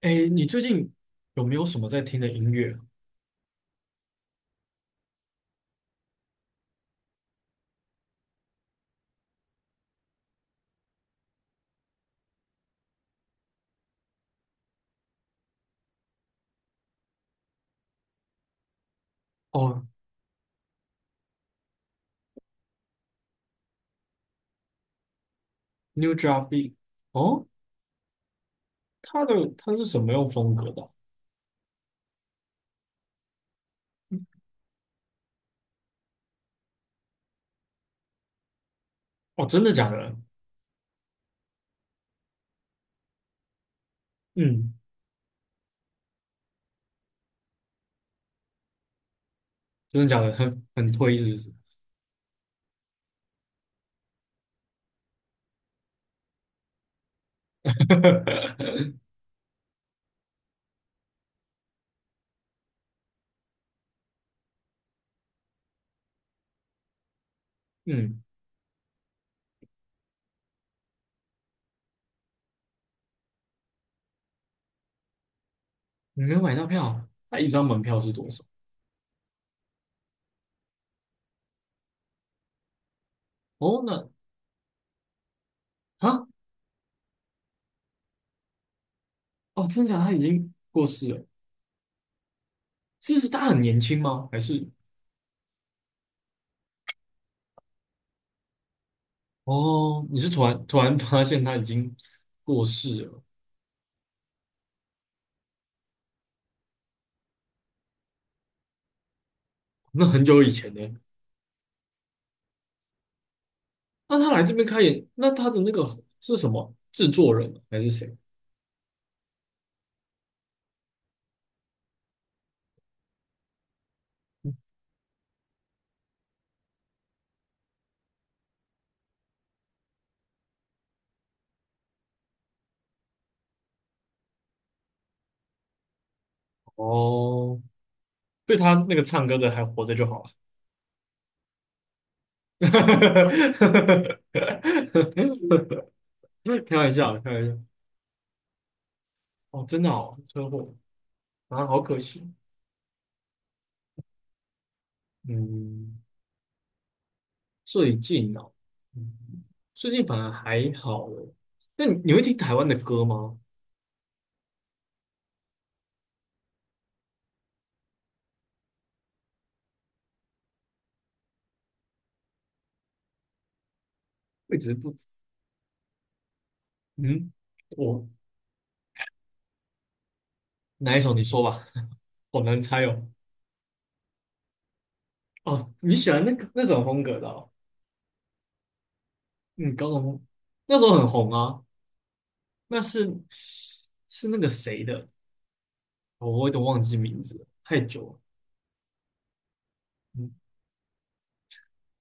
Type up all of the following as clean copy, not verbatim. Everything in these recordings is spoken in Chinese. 哎，你最近有没有什么在听的音乐啊？哦，New Drop Beat。哦，他是什么样风格的啊？哦，真的假的？嗯，真的假的？很推是不是？嗯，你没有买到票啊，他一张门票是多少？哦，那啊，哦，真的假的？他已经过世了？是他很年轻吗？还是哦，你是突然发现他已经过世了？那很久以前呢？那他来这边开演，那他的那个是什么制作人啊还是谁？哦，对他那个唱歌的还活着就好了。开玩笑的，开玩笑。哦，真的哦，车祸啊，好可惜。嗯，最近哦，嗯，最近反而还好了。那你会听台湾的歌吗？我一直不，嗯，我哪一首你说吧。好难猜哦。哦，你喜欢那个那种风格的哦。嗯，高中那时候很红啊。那是是那个谁的，我有点忘记名字了，太久了。嗯，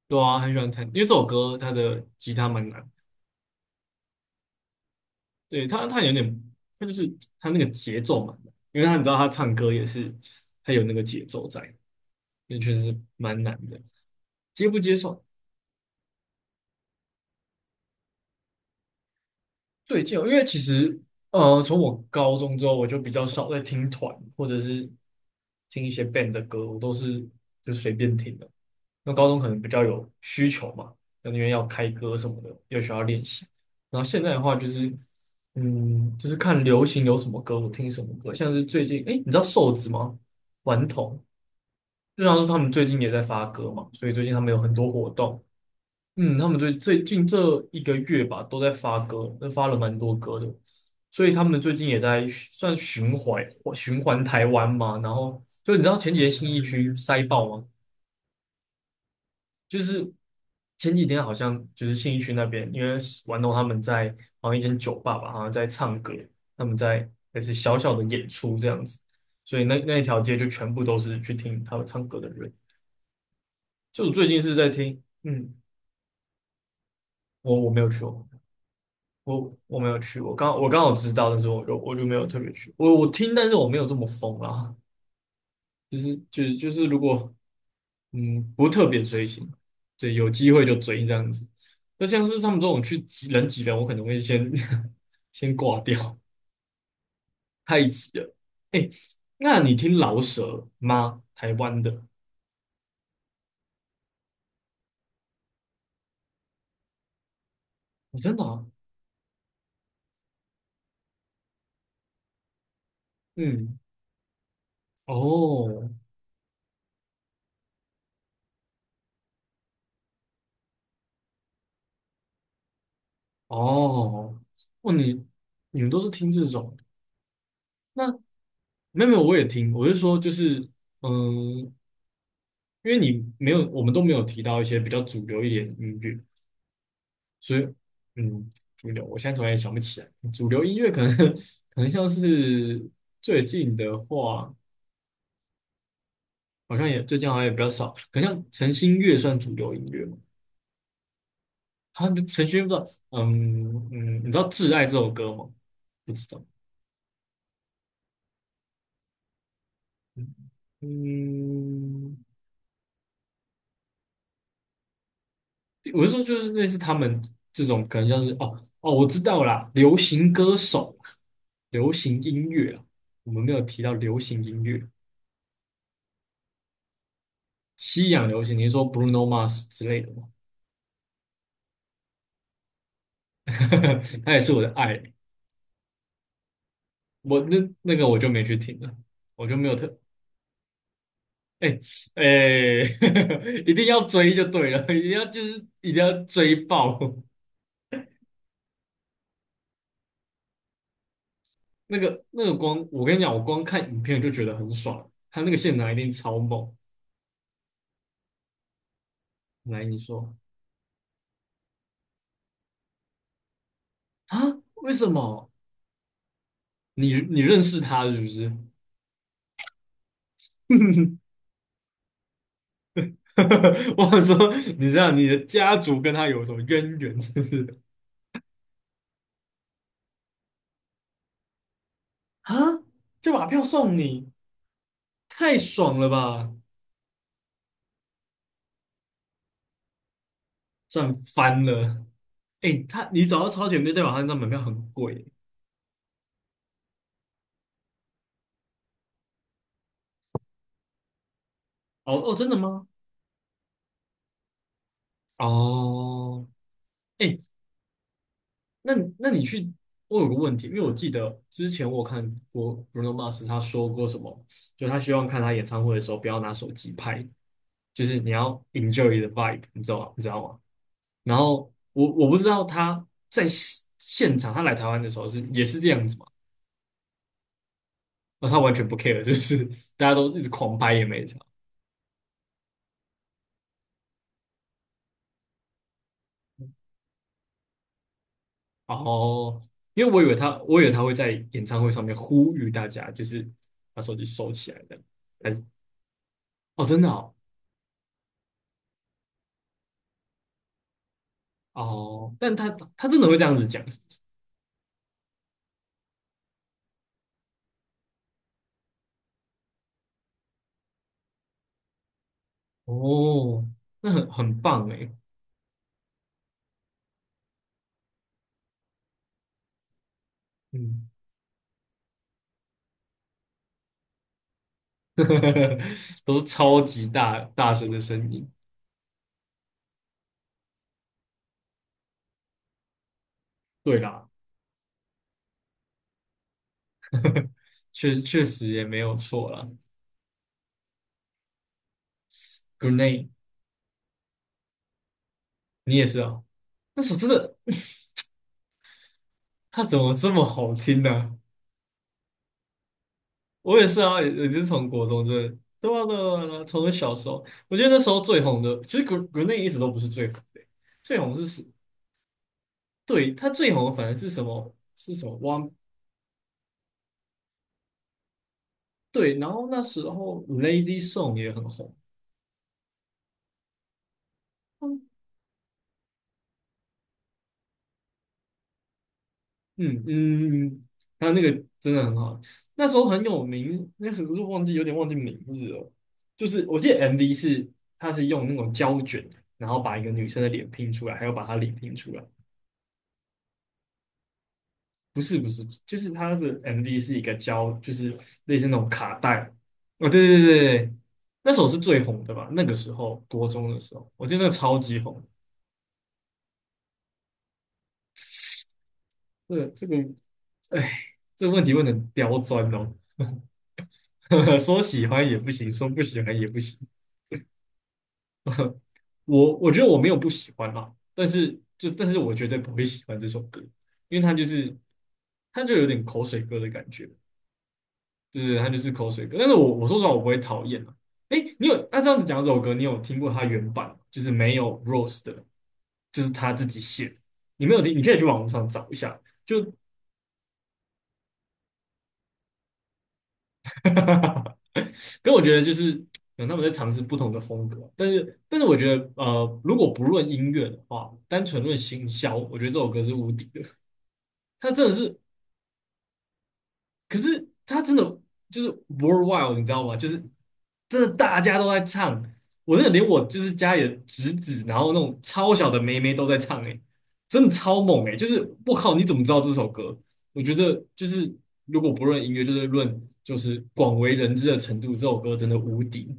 对啊，很喜欢弹，因为这首歌它的吉他蛮难。对，它有点，它就是它那个节奏蛮难，因为他你知道他唱歌也是，它有那个节奏在，也确实蛮难的。接不接受？对，接受。因为其实从我高中之后，我就比较少在听团或者是听一些 band 的歌，我都是就随便听的。那高中可能比较有需求嘛，那因为要开歌什么的，又需要练习。然后现在的话就是，嗯，就是看流行有什么歌，我听什么歌。像是最近，哎，你知道瘦子吗？顽童，就像是他们最近也在发歌嘛，所以最近他们有很多活动。嗯，他们最近这一个月吧，都在发歌，都发了蛮多歌的。所以他们最近也在算循环台湾嘛，然后就你知道前几天新义区塞爆吗？就是前几天好像就是信义区那边，因为玩弄他们在好像一间酒吧吧，好像在唱歌，他们在也是小小的演出这样子，所以那那一条街就全部都是去听他们唱歌的人。就我最近是在听，嗯，我没有去哦，我没有去，我刚好知道，但是我就没有特别去，我我听，但是我没有这么疯啦。就是如果嗯，不特别追星，对，有机会就追这样子。那像是他们这种去挤人挤人，我可能会先 先挂掉，太挤了。哎，那你听饶舌吗？台湾的。哦，真的啊。嗯，哦哦，哦，你们都是听这种？那没有没有，我也听，我是说就是嗯，因为你没有，我们都没有提到一些比较主流一点的音乐。所以，嗯，主流，我现在突然也想不起来。主流音乐可能 可能像是最近的话，好像也最近好像也比较少，可能像陈星月算主流音乐吗？他陈星月不知道，嗯嗯，你知道《挚爱》这首歌吗？不知道。嗯，嗯，我是说就是类似他们这种，可能像是哦哦，我知道啦，流行歌手，流行音乐啊，我们没有提到流行音乐。西洋流行，你是说 Bruno Mars 之类的吗？他也是我的爱。我那我就没去听了，我就没有特。哎，哎，一定要追就对了，一定要就是一定要追爆。那个光，我跟你讲，我光看影片就觉得很爽，他那个现场一定超猛。来，你说啊，为什么你认识他是不是？我想说，你知道你的家族跟他有什么渊源，是不是？啊，就把票送你。太爽了吧！赚翻了。哎，他你找到超前面，代表他那张门票很贵。哦哦，真的吗？哦，哎，那你那你去，我有个问题，因为我记得之前我有看过 Bruno Mars 他说过什么，就他希望看他演唱会的时候不要拿手机拍，就是你要 enjoy the vibe,你知道吗？你知道吗？然后我我不知道他在现场，他来台湾的时候是也是这样子嘛？那他完全不 care,就是大家都一直狂拍也没差。然后，因为我以为他，我以为他会在演唱会上面呼吁大家，就是把手机收起来这样，还是哦，真的哦。哦，但他真的会这样子讲，是不是？哦，那很很棒诶。嗯，都是超级大大声的声音。对啦，确确实也没有错啦。Grenade。你也是哦，那首真的，它怎么这么好听呢？我也是啊，也就是从国中真的，对啊对啊对啊从我小时候，我觉得那时候最红的，其实国内一直都不是最红的，最红是是，对，它最红的反而是什么？是什么？One 对，然后那时候 Lazy Song 也很红，嗯嗯嗯，还有那个真的很好，那时候很有名，那时候就忘记有点忘记名字了，就是我记得 MV 是它是用那种胶卷，然后把一个女生的脸拼出来，还有把她脸拼出来。不是不是不是就是它是 MV 是一个胶，就是类似那种卡带。哦，对对对对对，那首是最红的吧？那个时候国中的时候，我记得那个超级红。这个这个，哎，这个问题问的刁钻哦。说喜欢也不行，说不喜欢也不行。我觉得我没有不喜欢啦，但是就但是我绝对不会喜欢这首歌，因为它就是它就有点口水歌的感觉。就是他就是口水歌。但是我说实话，我不会讨厌啊。哎，你有那，这样子讲这首歌，你有听过他原版吗？就是没有 Rose 的，就是他自己写的。你没有听，你可以去网络上找一下。就，跟我觉得就是可能他们在尝试不同的风格，但是但是我觉得如果不论音乐的话，单纯论行销，我觉得这首歌是无敌的。它真的是可是他真的就是 worldwide,你知道吗？就是真的大家都在唱，我真的连我就是家里的侄子，然后那种超小的妹妹都在唱，欸，诶，真的超猛诶，欸就是我靠，你怎么知道这首歌？我觉得就是如果不论音乐，就是论就是广为人知的程度，这首歌真的无敌。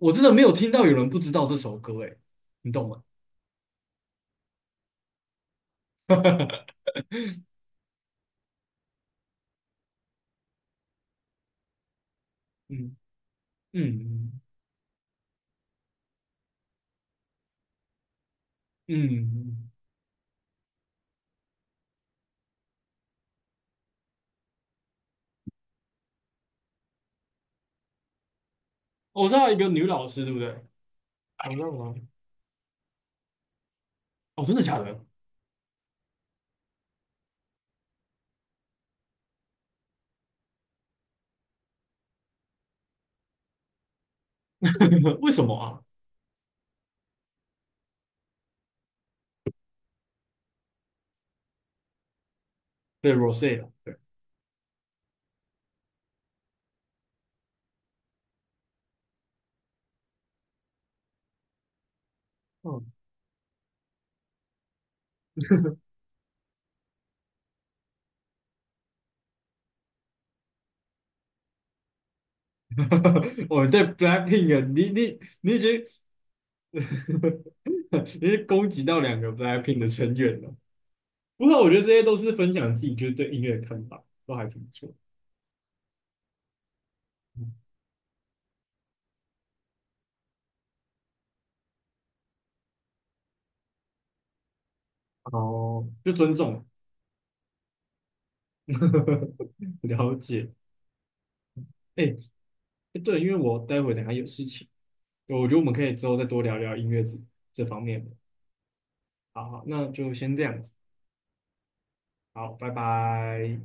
我真的没有听到有人不知道这首歌，欸，诶，你懂吗？嗯嗯嗯嗯，我知道一个女老师，对不对？我知道吗？哦，真的假的？为什么啊？对 Rosé 了，对。嗯，我们对 Blackpink 的你已经 你已经攻击到两个 Blackpink 的成员了。不过我觉得这些都是分享自己就是对音乐的看法，都还挺不错。哦，就尊重，了解。哎，哎对，因为我待会等一下有事情，我觉得我们可以之后再多聊聊音乐这这方面的。好好，那就先这样子，好，拜拜。